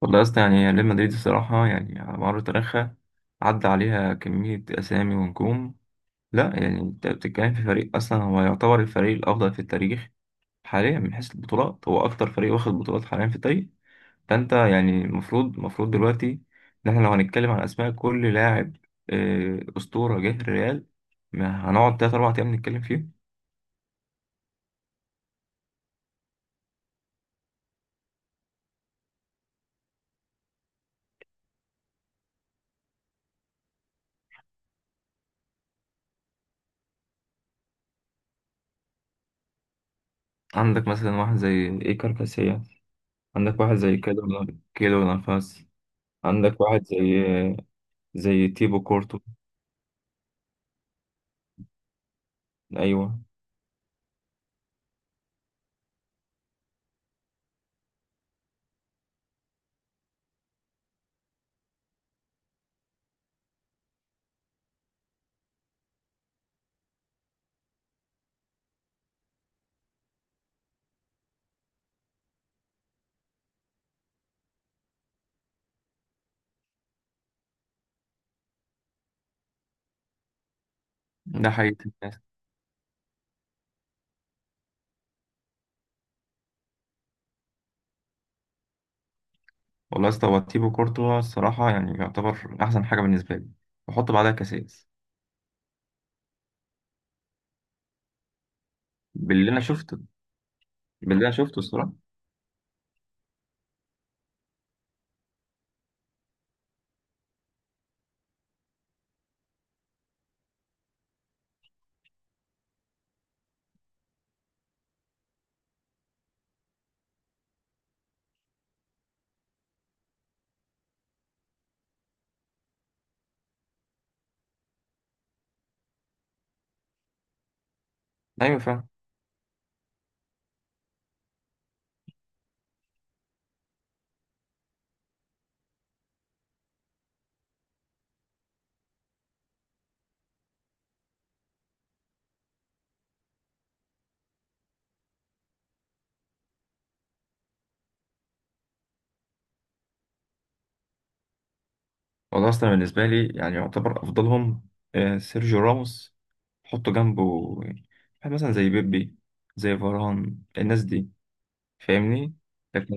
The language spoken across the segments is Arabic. والله يا اسطى، يعني ريال مدريد الصراحة يعني على مر تاريخها عدى عليها كمية أسامي ونجوم. لا يعني أنت بتتكلم في فريق أصلا هو يعتبر الفريق الأفضل في التاريخ حاليا. من حيث البطولات هو أكتر فريق واخد بطولات حاليا في التاريخ. فأنت يعني المفروض دلوقتي إن إحنا لو هنتكلم عن أسماء كل لاعب أسطورة جه الريال، ما هنقعد تلات أربع أيام نتكلم فيه. عندك مثلا واحد زي إيكار كاسياس، عندك واحد زي كيلو، كيلو نافاس، عندك واحد زي تيبو كورتو. ايوه، ده حقيقة الناس. والله يا اسطى، هو تيبو كورتو الصراحة يعني يعتبر أحسن حاجة بالنسبة لي. بحط بعدها كاسياس. باللي أنا شفته، باللي أنا شفته الصراحة. أيوة فعلا. والله أصلا بالنسبة لي يعني يعتبر أفضلهم سيرجيو راموس. حطه جنبه يعني واحد مثلا زي بيبي، زي فاران، الناس دي، فاهمني؟ لكن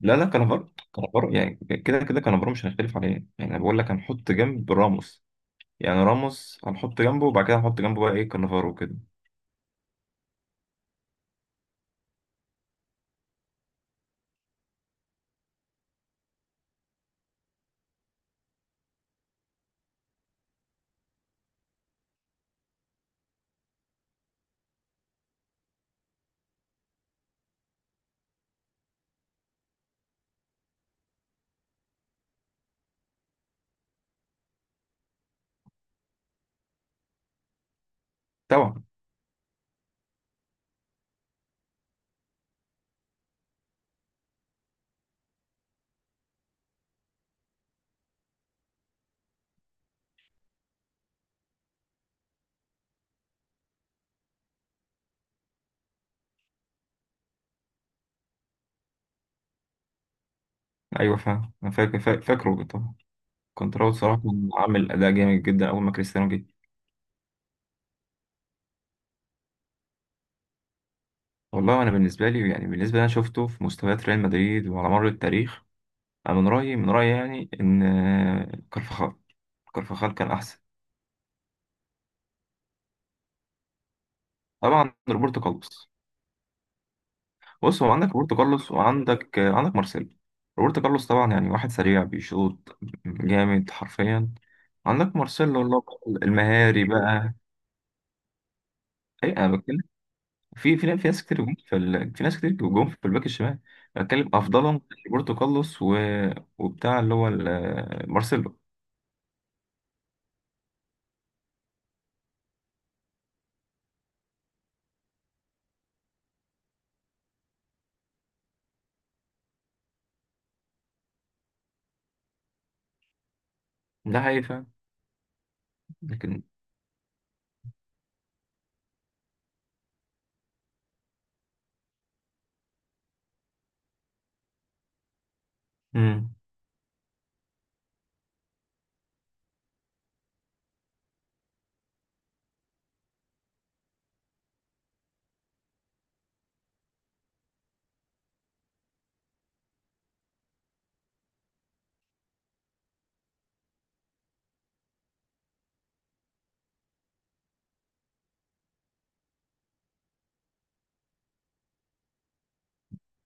لا لا، كانافارو كانافارو يعني كده كده كانافارو مش هنختلف عليه. يعني أنا بقول لك هنحط جنب راموس، يعني راموس هنحط جنبه وبعد كده هنحط جنبه بقى ايه كانافارو وكده. طبعا. ايوه، فاهم انا فاكر، فاكره طبعا. كنت راوي صراحه كان عامل اداء جامد جدا اول ما كريستيانو جه. والله انا بالنسبه لي يعني، بالنسبه اللي انا شفته في مستويات ريال مدريد وعلى مر التاريخ، انا من رايي، من رايي يعني، ان كارفاخال، كارفاخال كان احسن. طبعا روبرتو كارلوس. بص، هو عندك روبرتو كارلوس وعندك، عندك مارسيلو. روبرتو كارلوس طبعا يعني واحد سريع بيشوط جامد حرفيا. عندك مارسيلو اللي هو المهاري بقى. اي انا بتكلم، في ناس كتير جم في ناس كتير جم في الباك الشمال. أنا بتكلم افضلهم، روبرتو كارلوس و... وبتاع اللي هو مارسيلو. ده حقيقي فعلا. لكن امم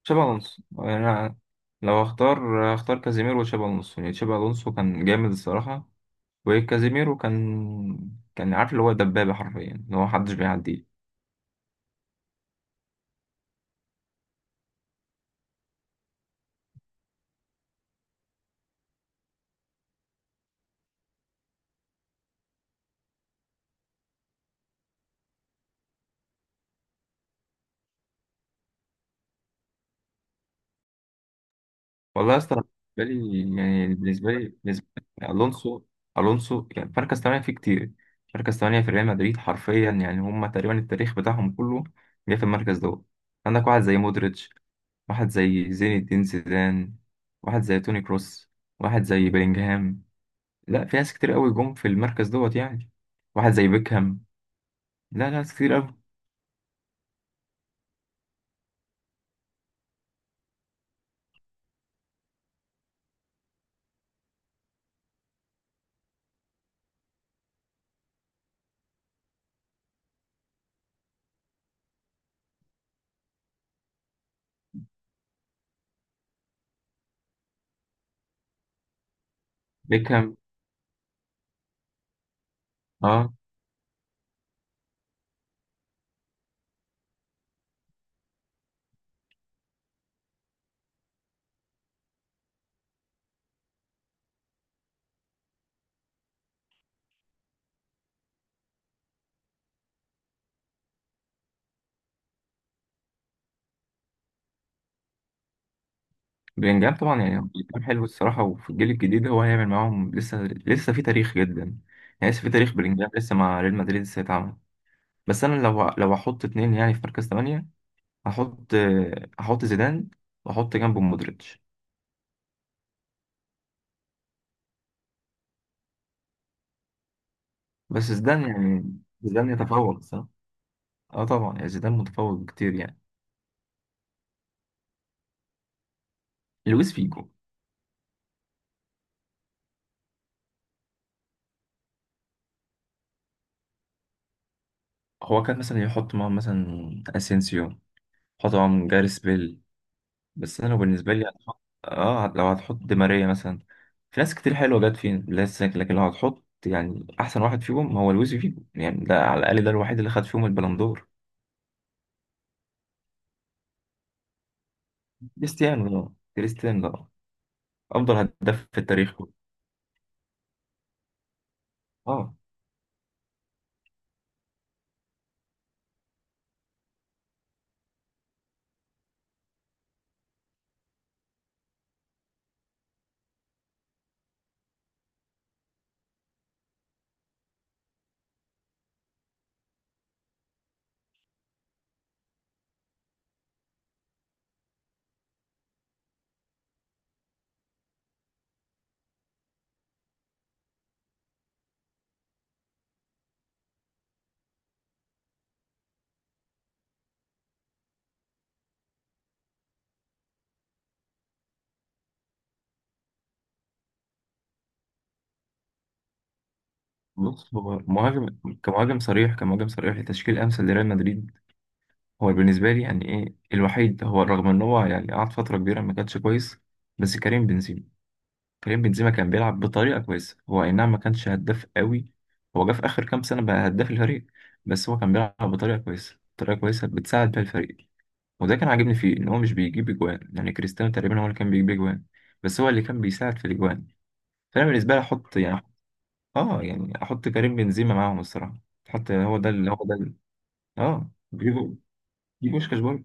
تشابي الونسو، انا لو اختار اختار كازيميرو وتشابي الونسو. يعني تشابي الونسو كان جامد الصراحه، وكازيميرو كان، كان عارف اللي هو دبابه حرفيا، اللي هو محدش بيعديه. والله يا اسطى، أنا بالنسبه لي يعني، بالنسبه لي الونسو. الونسو يعني مركز ثمانيه فيه كتير. مركز ثمانيه في ريال مدريد حرفيا يعني هم تقريبا التاريخ بتاعهم كله جه في المركز دوت. عندك واحد زي مودريتش، واحد زي زين الدين زيدان، واحد زي توني كروس، واحد زي بيلينجهام. لا في ناس كتير قوي جم في المركز دوت يعني. واحد زي بيكهام. لا لا، ناس كتير قوي. بيكهام. اه. بلينجهام طبعا، يعني بلينجهام حلو الصراحة، وفي الجيل الجديد هو هيعمل معاهم لسه، لسه في تاريخ جدا. يعني لسه في تاريخ، بلينجهام لسه مع ريال مدريد لسه هيتعمل. بس أنا لو هحط اتنين يعني في مركز تمانية، هحط هحط زيدان وأحط جنبه مودريتش. بس زيدان يعني، زيدان يتفوق الصراحة. اه طبعا، يعني زيدان متفوق كتير يعني. لويس فيجو. هو كان مثلا يحط معاهم مثلا اسينسيو، يحط معاهم جاريس بيل. بس انا بالنسبه لي هتحط اه، لو هتحط دي ماريا مثلا، في ناس كتير حلوه جت في لسه. لكن لو هتحط يعني احسن واحد فيهم هو لويس فيجو، يعني ده على الاقل ده الوحيد اللي خد فيهم البلندور. كريستيانو ده، كريستيانو ده افضل هداف في التاريخ كله. اه. بص هو مهاجم، كمهاجم صريح، كمهاجم صريح لتشكيل امثل لريال مدريد، هو بالنسبه لي يعني ايه الوحيد، هو رغم ان هو يعني قعد فتره كبيره ما كانش كويس، بس كريم بنزيما، كريم بنزيما كان بيلعب بطريقة كويسة. هو أي نعم ما كانش هداف قوي، هو جه في آخر كام سنة بقى هداف الفريق. بس هو كان بيلعب بطريقة كويسة، طريقة كويسة بتساعد بيها الفريق. وده كان عاجبني فيه إن هو مش بيجيب أجوان، يعني كريستيانو تقريبا هو اللي كان بيجيب أجوان، بس هو اللي كان بيساعد في الأجوان. فأنا بالنسبة لي أحط يعني، يعني أحط كريم بنزيما معاهم الصراحة. حتى هو ده اللي، هو ده اللي، آه، بيجيبوا بوشكاش برضه.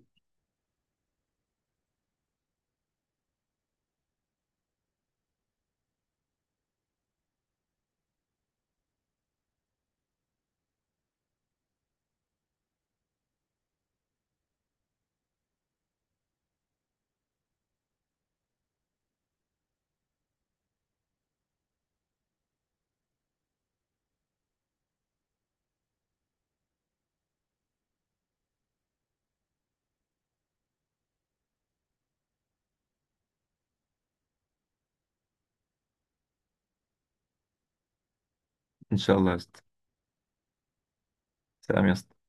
إن شاء الله يا اسطى. سلام يا اسطى.